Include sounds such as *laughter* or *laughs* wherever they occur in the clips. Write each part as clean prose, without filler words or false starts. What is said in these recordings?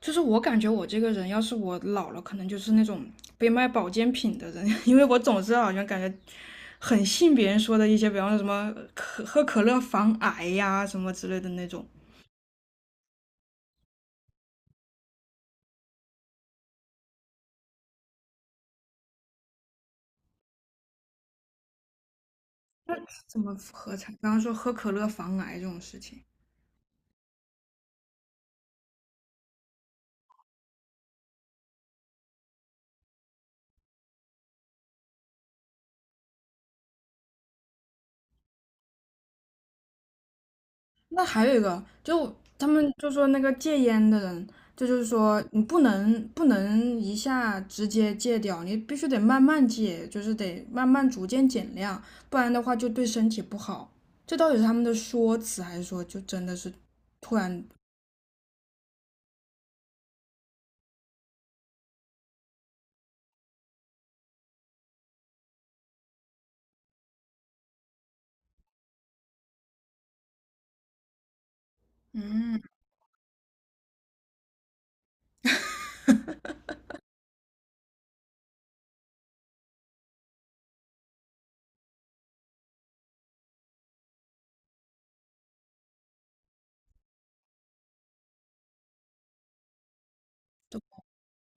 就是我感觉我这个人，要是我老了，可能就是那种被卖保健品的人，*laughs* 因为我总是好像感觉很信别人说的一些，比方说什么可喝可乐防癌呀、什么之类的那种。那怎么喝才？刚刚说喝可乐防癌这种事情，那还有一个，就他们就说那个戒烟的人，这就是说你不能一下直接戒掉，你必须得慢慢戒，就是得慢慢逐渐减量，不然的话就对身体不好。这到底是他们的说辞，还是说就真的是突然？嗯，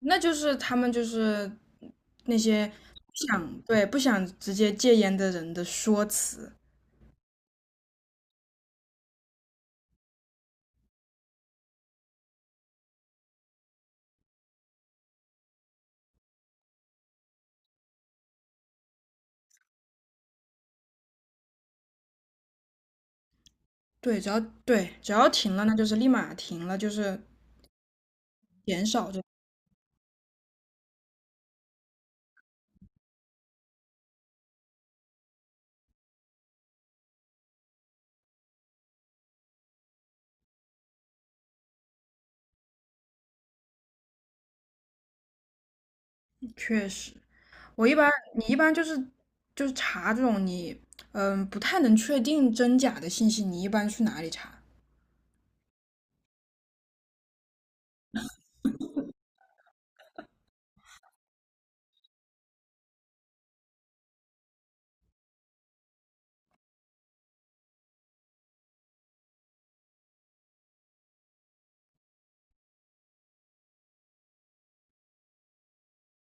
那就是他们就是那些不想直接戒烟的人的说辞。对，只要停了，那就是立马停了，就是减少这，确实。我一般你一般就是查这种你不太能确定真假的信息，你一般去哪里查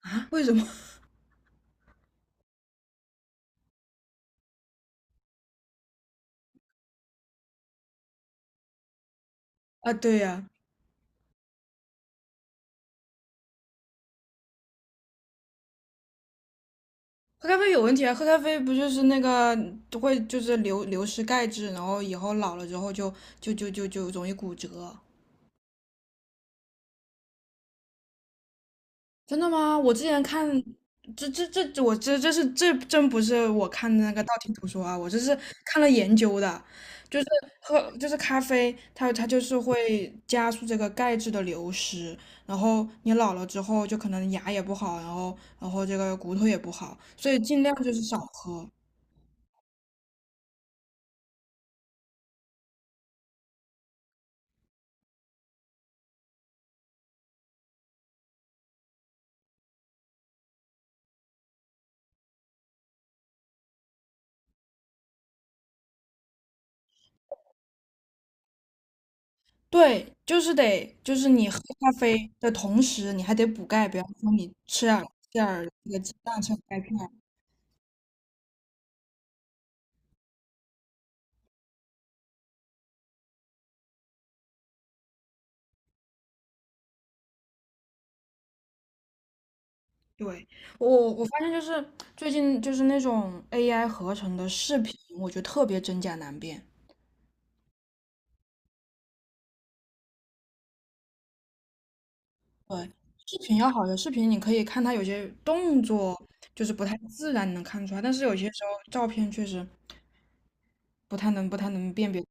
啊？为什么？ *laughs* 啊？对呀、喝咖啡有问题啊！喝咖啡不就是那个会就是流失钙质，然后以后老了之后就容易骨折。真的吗？我之前看，这这这这我这这是这真不是我看的那个道听途说啊，我这是看了研究的，就是咖啡，它就是会加速这个钙质的流失，然后你老了之后就可能牙也不好，然后这个骨头也不好，所以尽量就是少喝。对，就是得就是你喝咖啡的同时，你还得补钙，比方说你吃点儿这个鸡蛋，吃点儿钙片。对，我发现就是最近就是那种 AI 合成的视频，我觉得特别真假难辨。对，视频要好的视频，你可以看它有些动作就是不太自然，能看出来，但是有些时候照片确实不太能辨别。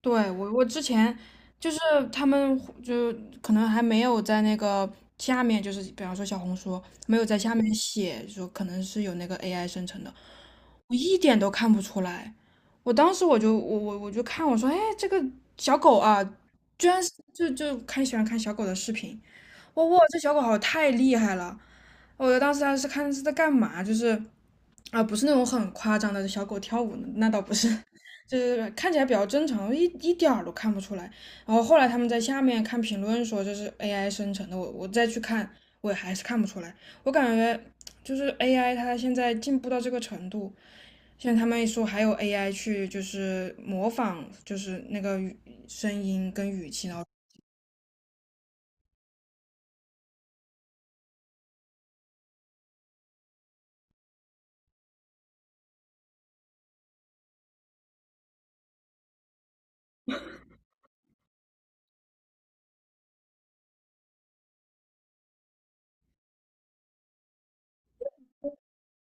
对，我之前就是他们就可能还没有在那个下面，就是比方说小红书没有在下面写说可能是有那个 AI 生成的，我一点都看不出来。我当时我就看我说，哎，这个小狗啊，居然是就看喜欢看小狗的视频，哇哇，这小狗好太厉害了，我当时还是看是在干嘛，就是啊，不是那种很夸张的小狗跳舞，那倒不是，就是看起来比较正常，一点儿都看不出来。然后后来他们在下面看评论说这是 AI 生成的，我再去看，我也还是看不出来。我感觉就是 AI 它现在进步到这个程度，现在他们一说还有 AI 去就是模仿，就是那个声音跟语气，然后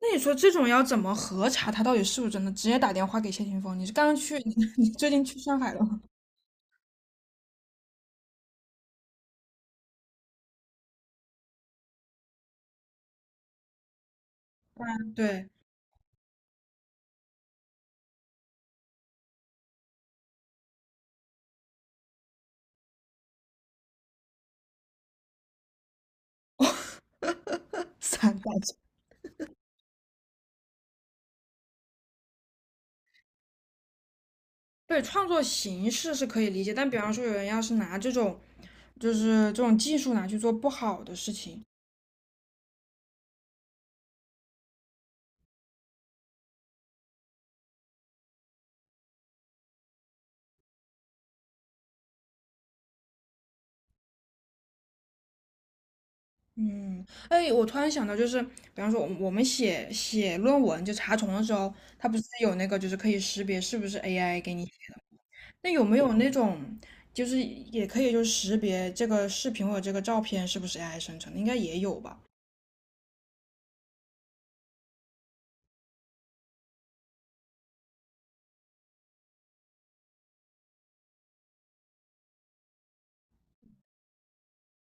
那你说这种要怎么核查他到底是不是真的？直接打电话给谢霆锋，你是刚刚去，你最近去上海了吗？ *laughs* 对散打击对，创作形式是可以理解，但比方说有人要是拿这种，就是这种技术拿去做不好的事情，嗯，哎，我突然想到，就是比方说我们写写论文就查重的时候，它不是有那个就是可以识别是不是 AI 给你，那有没有那种就是也可以就是识别这个视频或者这个照片是不是 AI 生成的，应该也有吧？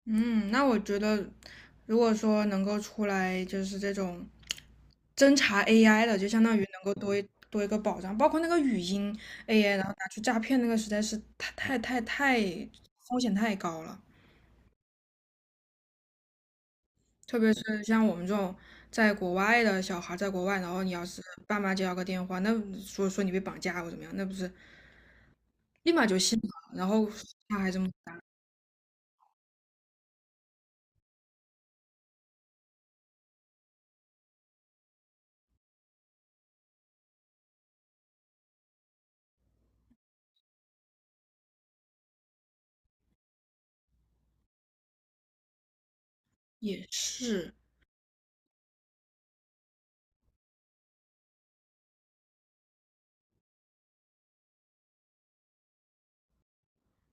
嗯，那我觉得，如果说能够出来就是这种侦查 AI 的，就相当于能够多一个保障，包括那个语音 AI，然后拿去诈骗那个，实在是太太太太风险太高了。特别是像我们这种在国外的小孩，在国外，然后你要是爸妈接到个电话，那说你被绑架或怎么样，那不是立马就信了，然后他还这么大，也是。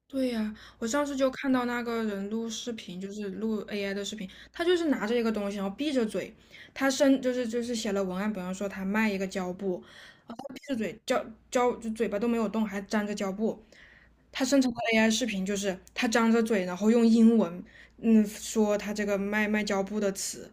对呀，我上次就看到那个人录视频，就是录 AI 的视频，他就是拿着一个东西，然后闭着嘴，他生就是就是写了文案，比方说他卖一个胶布，闭着嘴，胶胶就嘴巴都没有动，还粘着胶布。他生成的 AI 视频就是他张着嘴，然后用英文，说他这个卖胶布的词。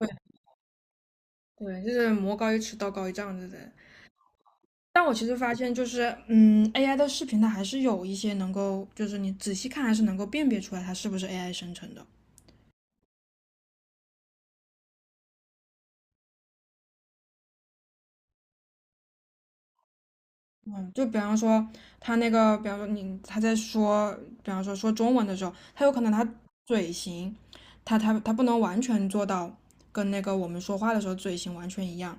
对，对，就是魔高一尺，道高一丈，对不对？但我其实发现，就是AI 的视频它还是有一些能够，就是你仔细看还是能够辨别出来它是不是 AI 生成的。嗯，就比方说他那个，比方说你他在说，比方说说中文的时候，他有可能他嘴型，他不能完全做到跟那个我们说话的时候嘴型完全一样，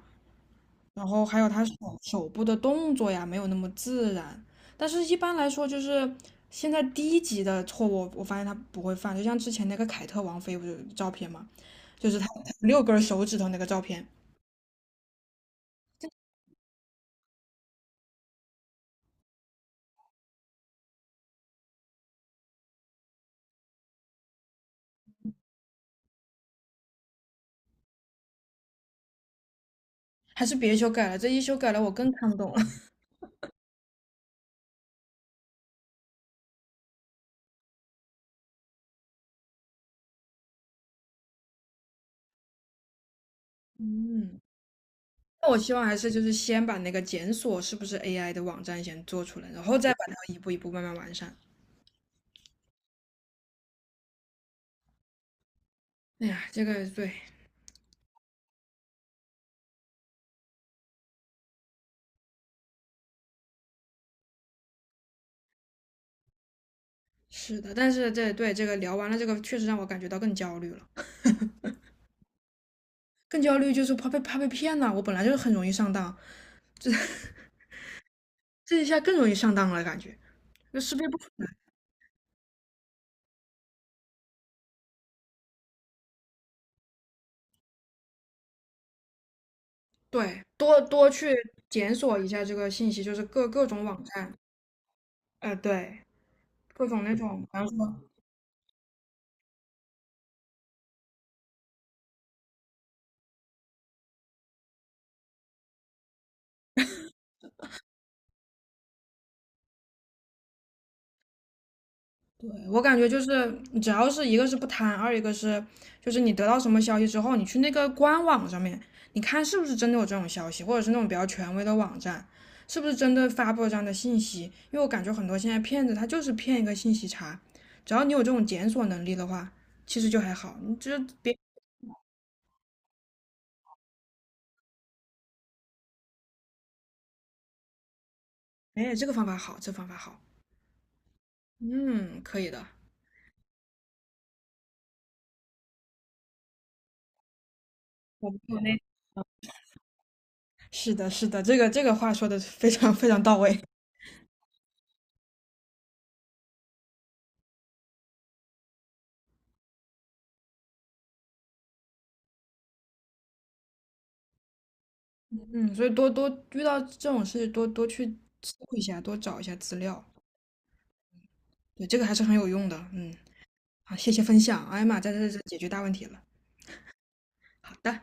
然后还有他手部的动作呀，没有那么自然。但是一般来说，就是现在低级的错误，我发现他不会犯，就像之前那个凯特王妃不是有照片嘛，就是他六根手指头那个照片，还是别修改了，这一修改了我更看不懂了。*laughs* 嗯。那我希望还是就是先把那个检索是不是 AI 的网站先做出来，然后再把它一步一步慢慢完善。哎呀，这个对，是的，但是这对这个聊完了，这个确实让我感觉到更焦虑了，更焦虑就是怕被骗了。我本来就是很容易上当，这这一下更容易上当了，感觉就识别不出来。对，多多去检索一下这个信息，就是各种网站，对，各种那种，比方说。我感觉就是，只要是一个是不贪，二一个是就是你得到什么消息之后，你去那个官网上面，你看是不是真的有这种消息，或者是那种比较权威的网站，是不是真的发布了这样的信息？因为我感觉很多现在骗子他就是骗一个信息差，只要你有这种检索能力的话，其实就还好。你就别，哎，这个方法好，这方法好，嗯，可以的。我那是的，是的，这个话说的非常非常到位。嗯，所以多多遇到这种事，多多去搜一下，多找一下资料，对，这个还是很有用的。嗯，好，谢谢分享。哎呀妈，这解决大问题了。好的。